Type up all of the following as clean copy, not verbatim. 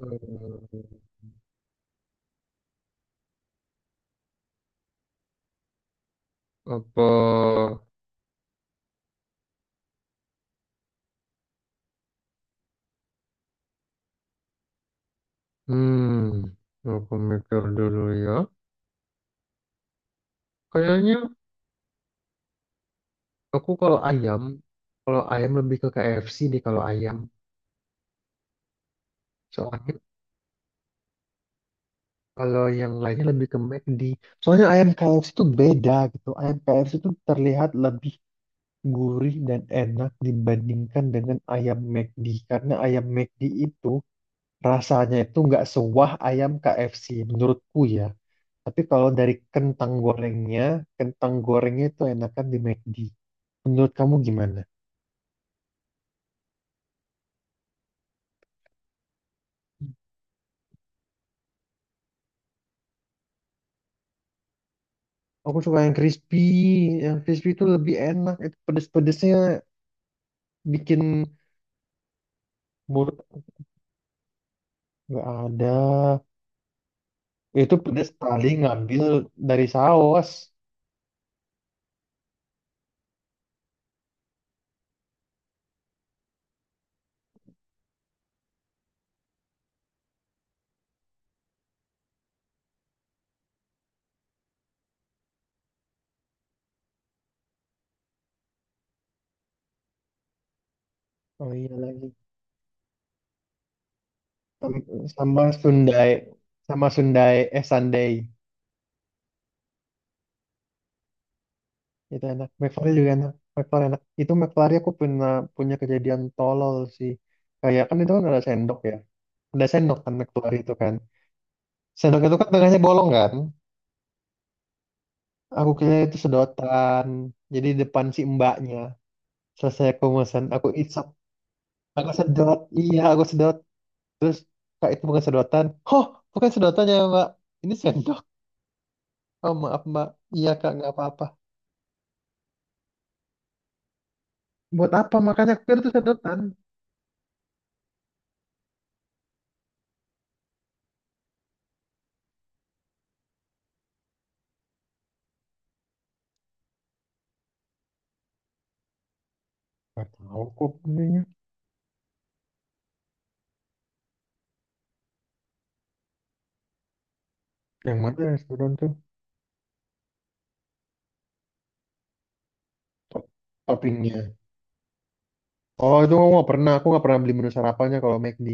Eh, apa? Hmm, aku mikir dulu ya. Kayaknya aku kalau ayam, kalau ayam lebih ke KFC deh kalau ayam. Soalnya kalau yang lainnya lebih ke McD. Soalnya ayam KFC itu beda gitu. Ayam KFC itu terlihat lebih gurih dan enak dibandingkan dengan ayam McD. Karena ayam McD itu rasanya itu nggak sewah ayam KFC menurutku ya. Tapi kalau dari kentang gorengnya itu enakan di McD. Menurut kamu gimana? Aku suka yang crispy. Yang crispy itu lebih enak. Itu pedes-pedesnya bikin mulut nggak ada. Itu pedes tadi ngambil dari saus. Oh iya lagi. Sam- Sama Sundai. Sama Sundai. Sundae. Itu enak. McFlurry juga enak. McFlurry enak. Itu McFlurry aku pernah punya kejadian tolol sih. Kayak kan itu kan ada sendok ya. Ada sendok kan keluar itu kan sendok itu kan tengahnya bolong kan aku kira itu sedotan, jadi depan si mbaknya selesai aku pesan aku isap, aku sedot, iya aku sedot terus, kak itu bukan sedotan, oh bukan sedotannya mbak ini sendok, oh maaf mbak, iya kak nggak apa-apa. Buat apa, makanya aku kira itu sedotan. Nggak tahu kok belinya. Yang mana ya sedotan tuh? Top- Toppingnya. Oh itu aku nggak pernah, aku nggak pernah beli menu sarapannya kalau McD,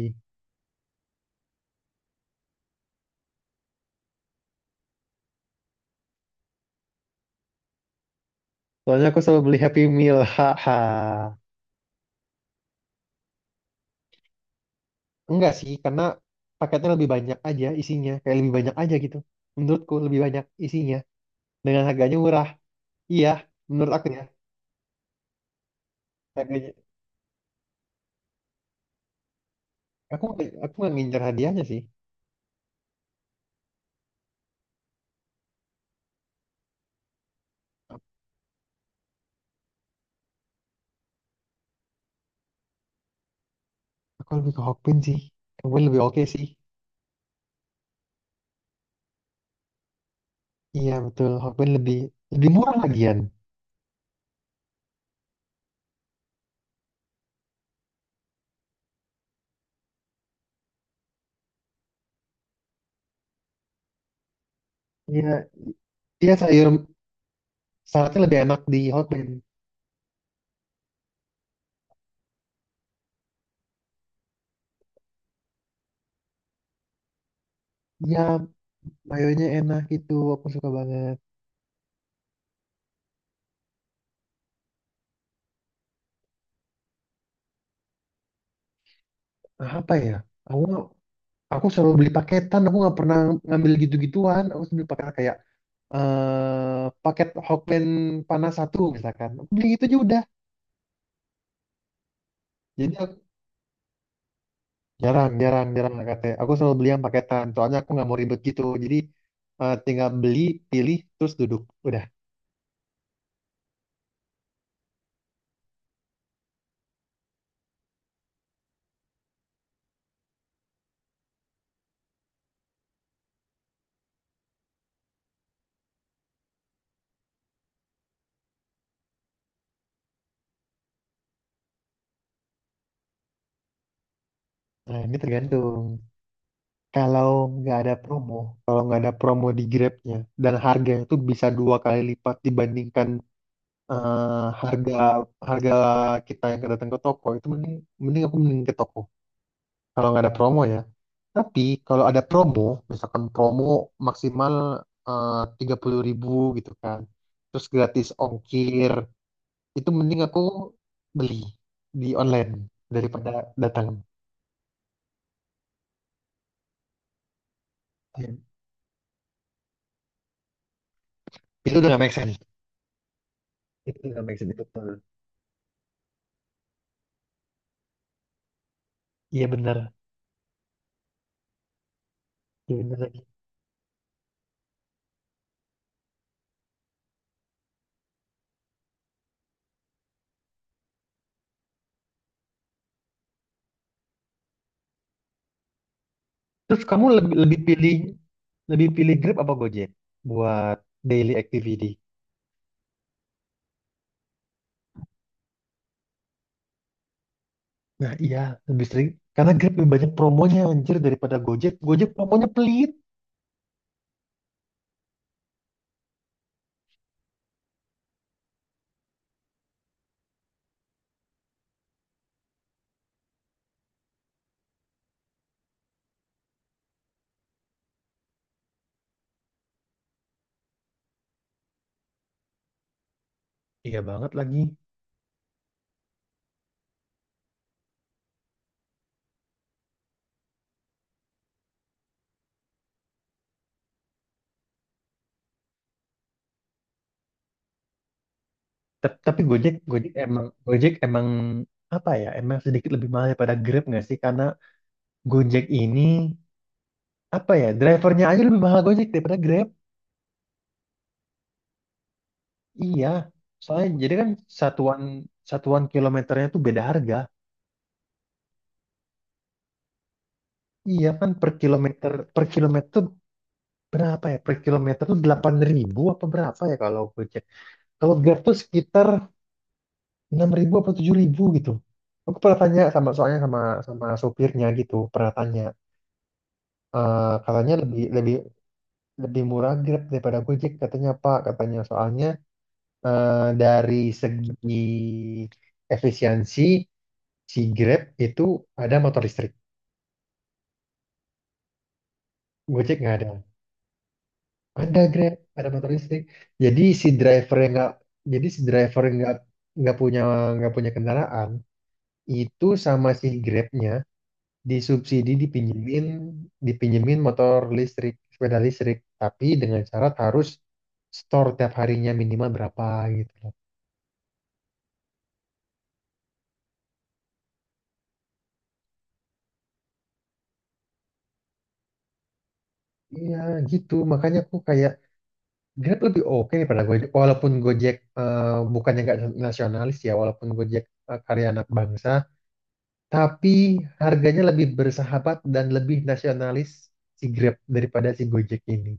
soalnya aku selalu beli Happy Meal haha. Enggak sih, karena paketnya lebih banyak aja isinya. Kayak lebih banyak aja gitu. Menurutku lebih banyak isinya. Dengan harganya murah. Iya, menurut aku ya. Harganya. Aku aku nggak ngincer hadiahnya sih. Aku lebih ke Hokpin sih. Hokpin lebih oke sih. Iya betul, Hokpin lebih lebih murah lagian. Iya, iya sayur saladnya lebih enak di Hokpin. Iya, mayonya enak gitu. Aku suka banget. Nah, apa ya? Aku aku selalu beli paketan. Aku nggak pernah ngambil gitu-gituan. Aku selalu beli paketan kayak paket Hokben panas satu misalkan beli itu aja udah. Jadi aku jarang jarang jarang lah katanya, aku selalu beli yang paketan soalnya aku nggak mau ribet gitu. Jadi tinggal beli, pilih terus duduk udah. Nah ini tergantung, kalau nggak ada promo, kalau nggak ada promo di Grabnya dan harganya itu bisa dua kali lipat dibandingkan eh, harga harga kita yang datang ke toko, itu mending mending aku mending ke toko kalau nggak ada promo ya. Tapi kalau ada promo, misalkan promo maksimal 30.000 gitu kan, terus gratis ongkir, itu mending aku beli di online daripada datang. Iya. Itu udah gak make sense. Itu udah gak make sense. Itu betul. Iya benar, iya benar lagi. Terus kamu lebih lebih pilih Grab apa Gojek buat daily activity? Nah iya lebih sering karena Grab lebih banyak promonya anjir daripada Gojek. Gojek promonya pelit. Iya banget lagi. Tapi Gojek, Gojek emang apa ya? Emang sedikit lebih mahal daripada Grab nggak sih? Karena Gojek ini apa ya? Drivernya aja lebih mahal Gojek daripada Grab. Iya. Soalnya jadi kan satuan satuan kilometernya tuh beda harga. Iya kan, per kilometer tuh berapa ya? Per kilometer tuh 8.000 apa berapa ya kalau Gojek? Kalau Grab tuh sekitar 6.000 apa 7.000 gitu. Aku pernah tanya sama, soalnya sama sama sopirnya gitu, pernah tanya, eh katanya lebih lebih lebih murah Grab daripada Gojek katanya Pak, katanya soalnya dari segi efisiensi si Grab itu ada motor listrik, Gojek nggak ada, ada Grab ada motor listrik, jadi si driver yang nggak punya nggak punya kendaraan itu sama si Grabnya disubsidi dipinjemin, dipinjemin motor listrik, sepeda listrik, tapi dengan syarat harus store tiap harinya minimal berapa gitu. Iya gitu, makanya aku kayak Grab lebih oke daripada Gojek. Walaupun Gojek bukannya nggak nasionalis ya, walaupun Gojek karya anak bangsa, tapi harganya lebih bersahabat dan lebih nasionalis si Grab daripada si Gojek ini.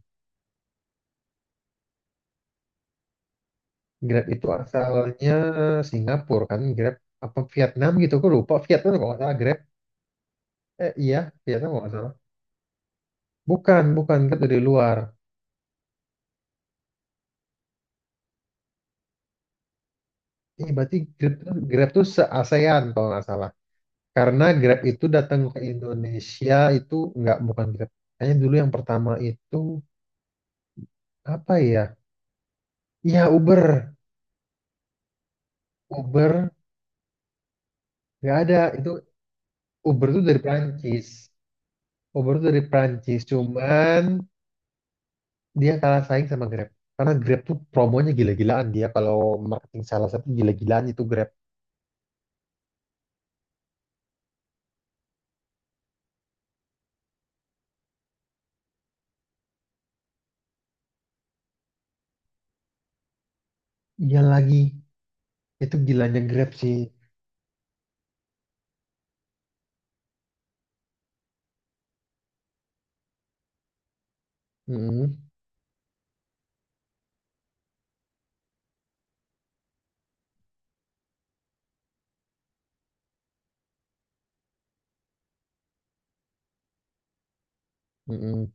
Grab itu asalnya Singapura kan, Grab apa Vietnam gitu, aku lupa. Vietnam kalau nggak salah Grab, eh iya Vietnam kalau nggak salah. Bukan, bukan Grab dari luar. Eh, berarti Grab, Grab tuh se-ASEAN kalau nggak salah. Karena Grab itu datang ke Indonesia itu nggak, bukan Grab. Kayaknya dulu yang pertama itu apa ya? Ya Uber, Uber nggak ada itu. Uber tuh dari Prancis. Uber tuh dari Prancis, cuman dia kalah saing sama Grab. Karena Grab tuh promonya gila-gilaan dia kalau marketing, salah satu gila-gilaan itu Grab. Iya lagi, itu gilanya Grab sih. Mm-mm, mm-mm.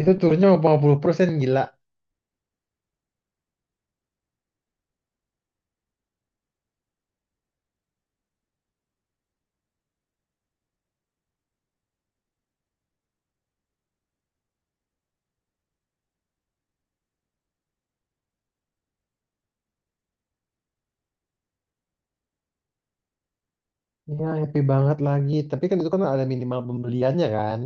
Itu turunnya 50% gila. Ya, happy banget lagi. Tapi kan itu kan ada minimal pembeliannya kan.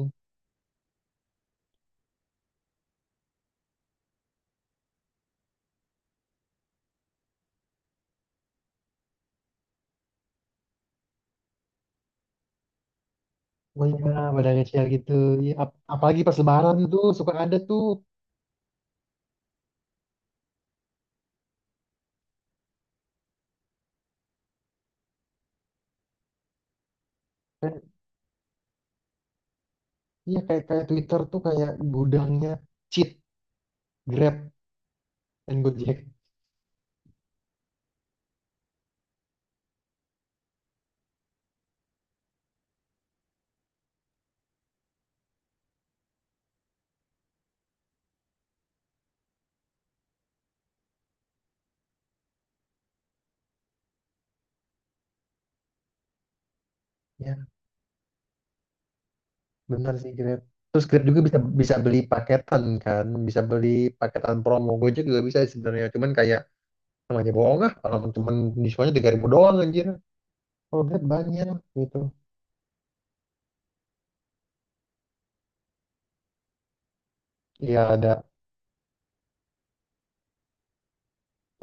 Oh iya, badan kecil gitu. Iya, apalagi pas lebaran tuh suka ada tuh. Kayak, iya kayak kayak Twitter tuh kayak gudangnya cheat Grab dan Gojek. Ya, benar sih Grab. Terus Grab juga bisa bisa beli paketan kan, bisa beli paketan promo. Gojek juga bisa sebenarnya. Cuman kayak namanya bohong ah, kalau cuman diskonnya 3.000 doang anjir. Kalau Grab banyak gitu. Iya ada.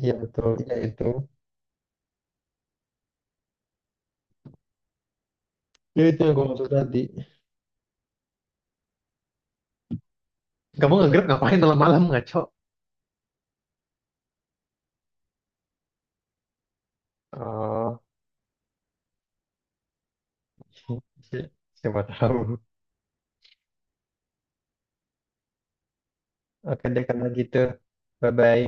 Iya betul. Iya itu. Ya itu yang gue maksud tadi. Kamu nge-Grab ngapain malam-malam ngaco? Oh, siapa tahu. Oke deh karena gitu. Bye-bye.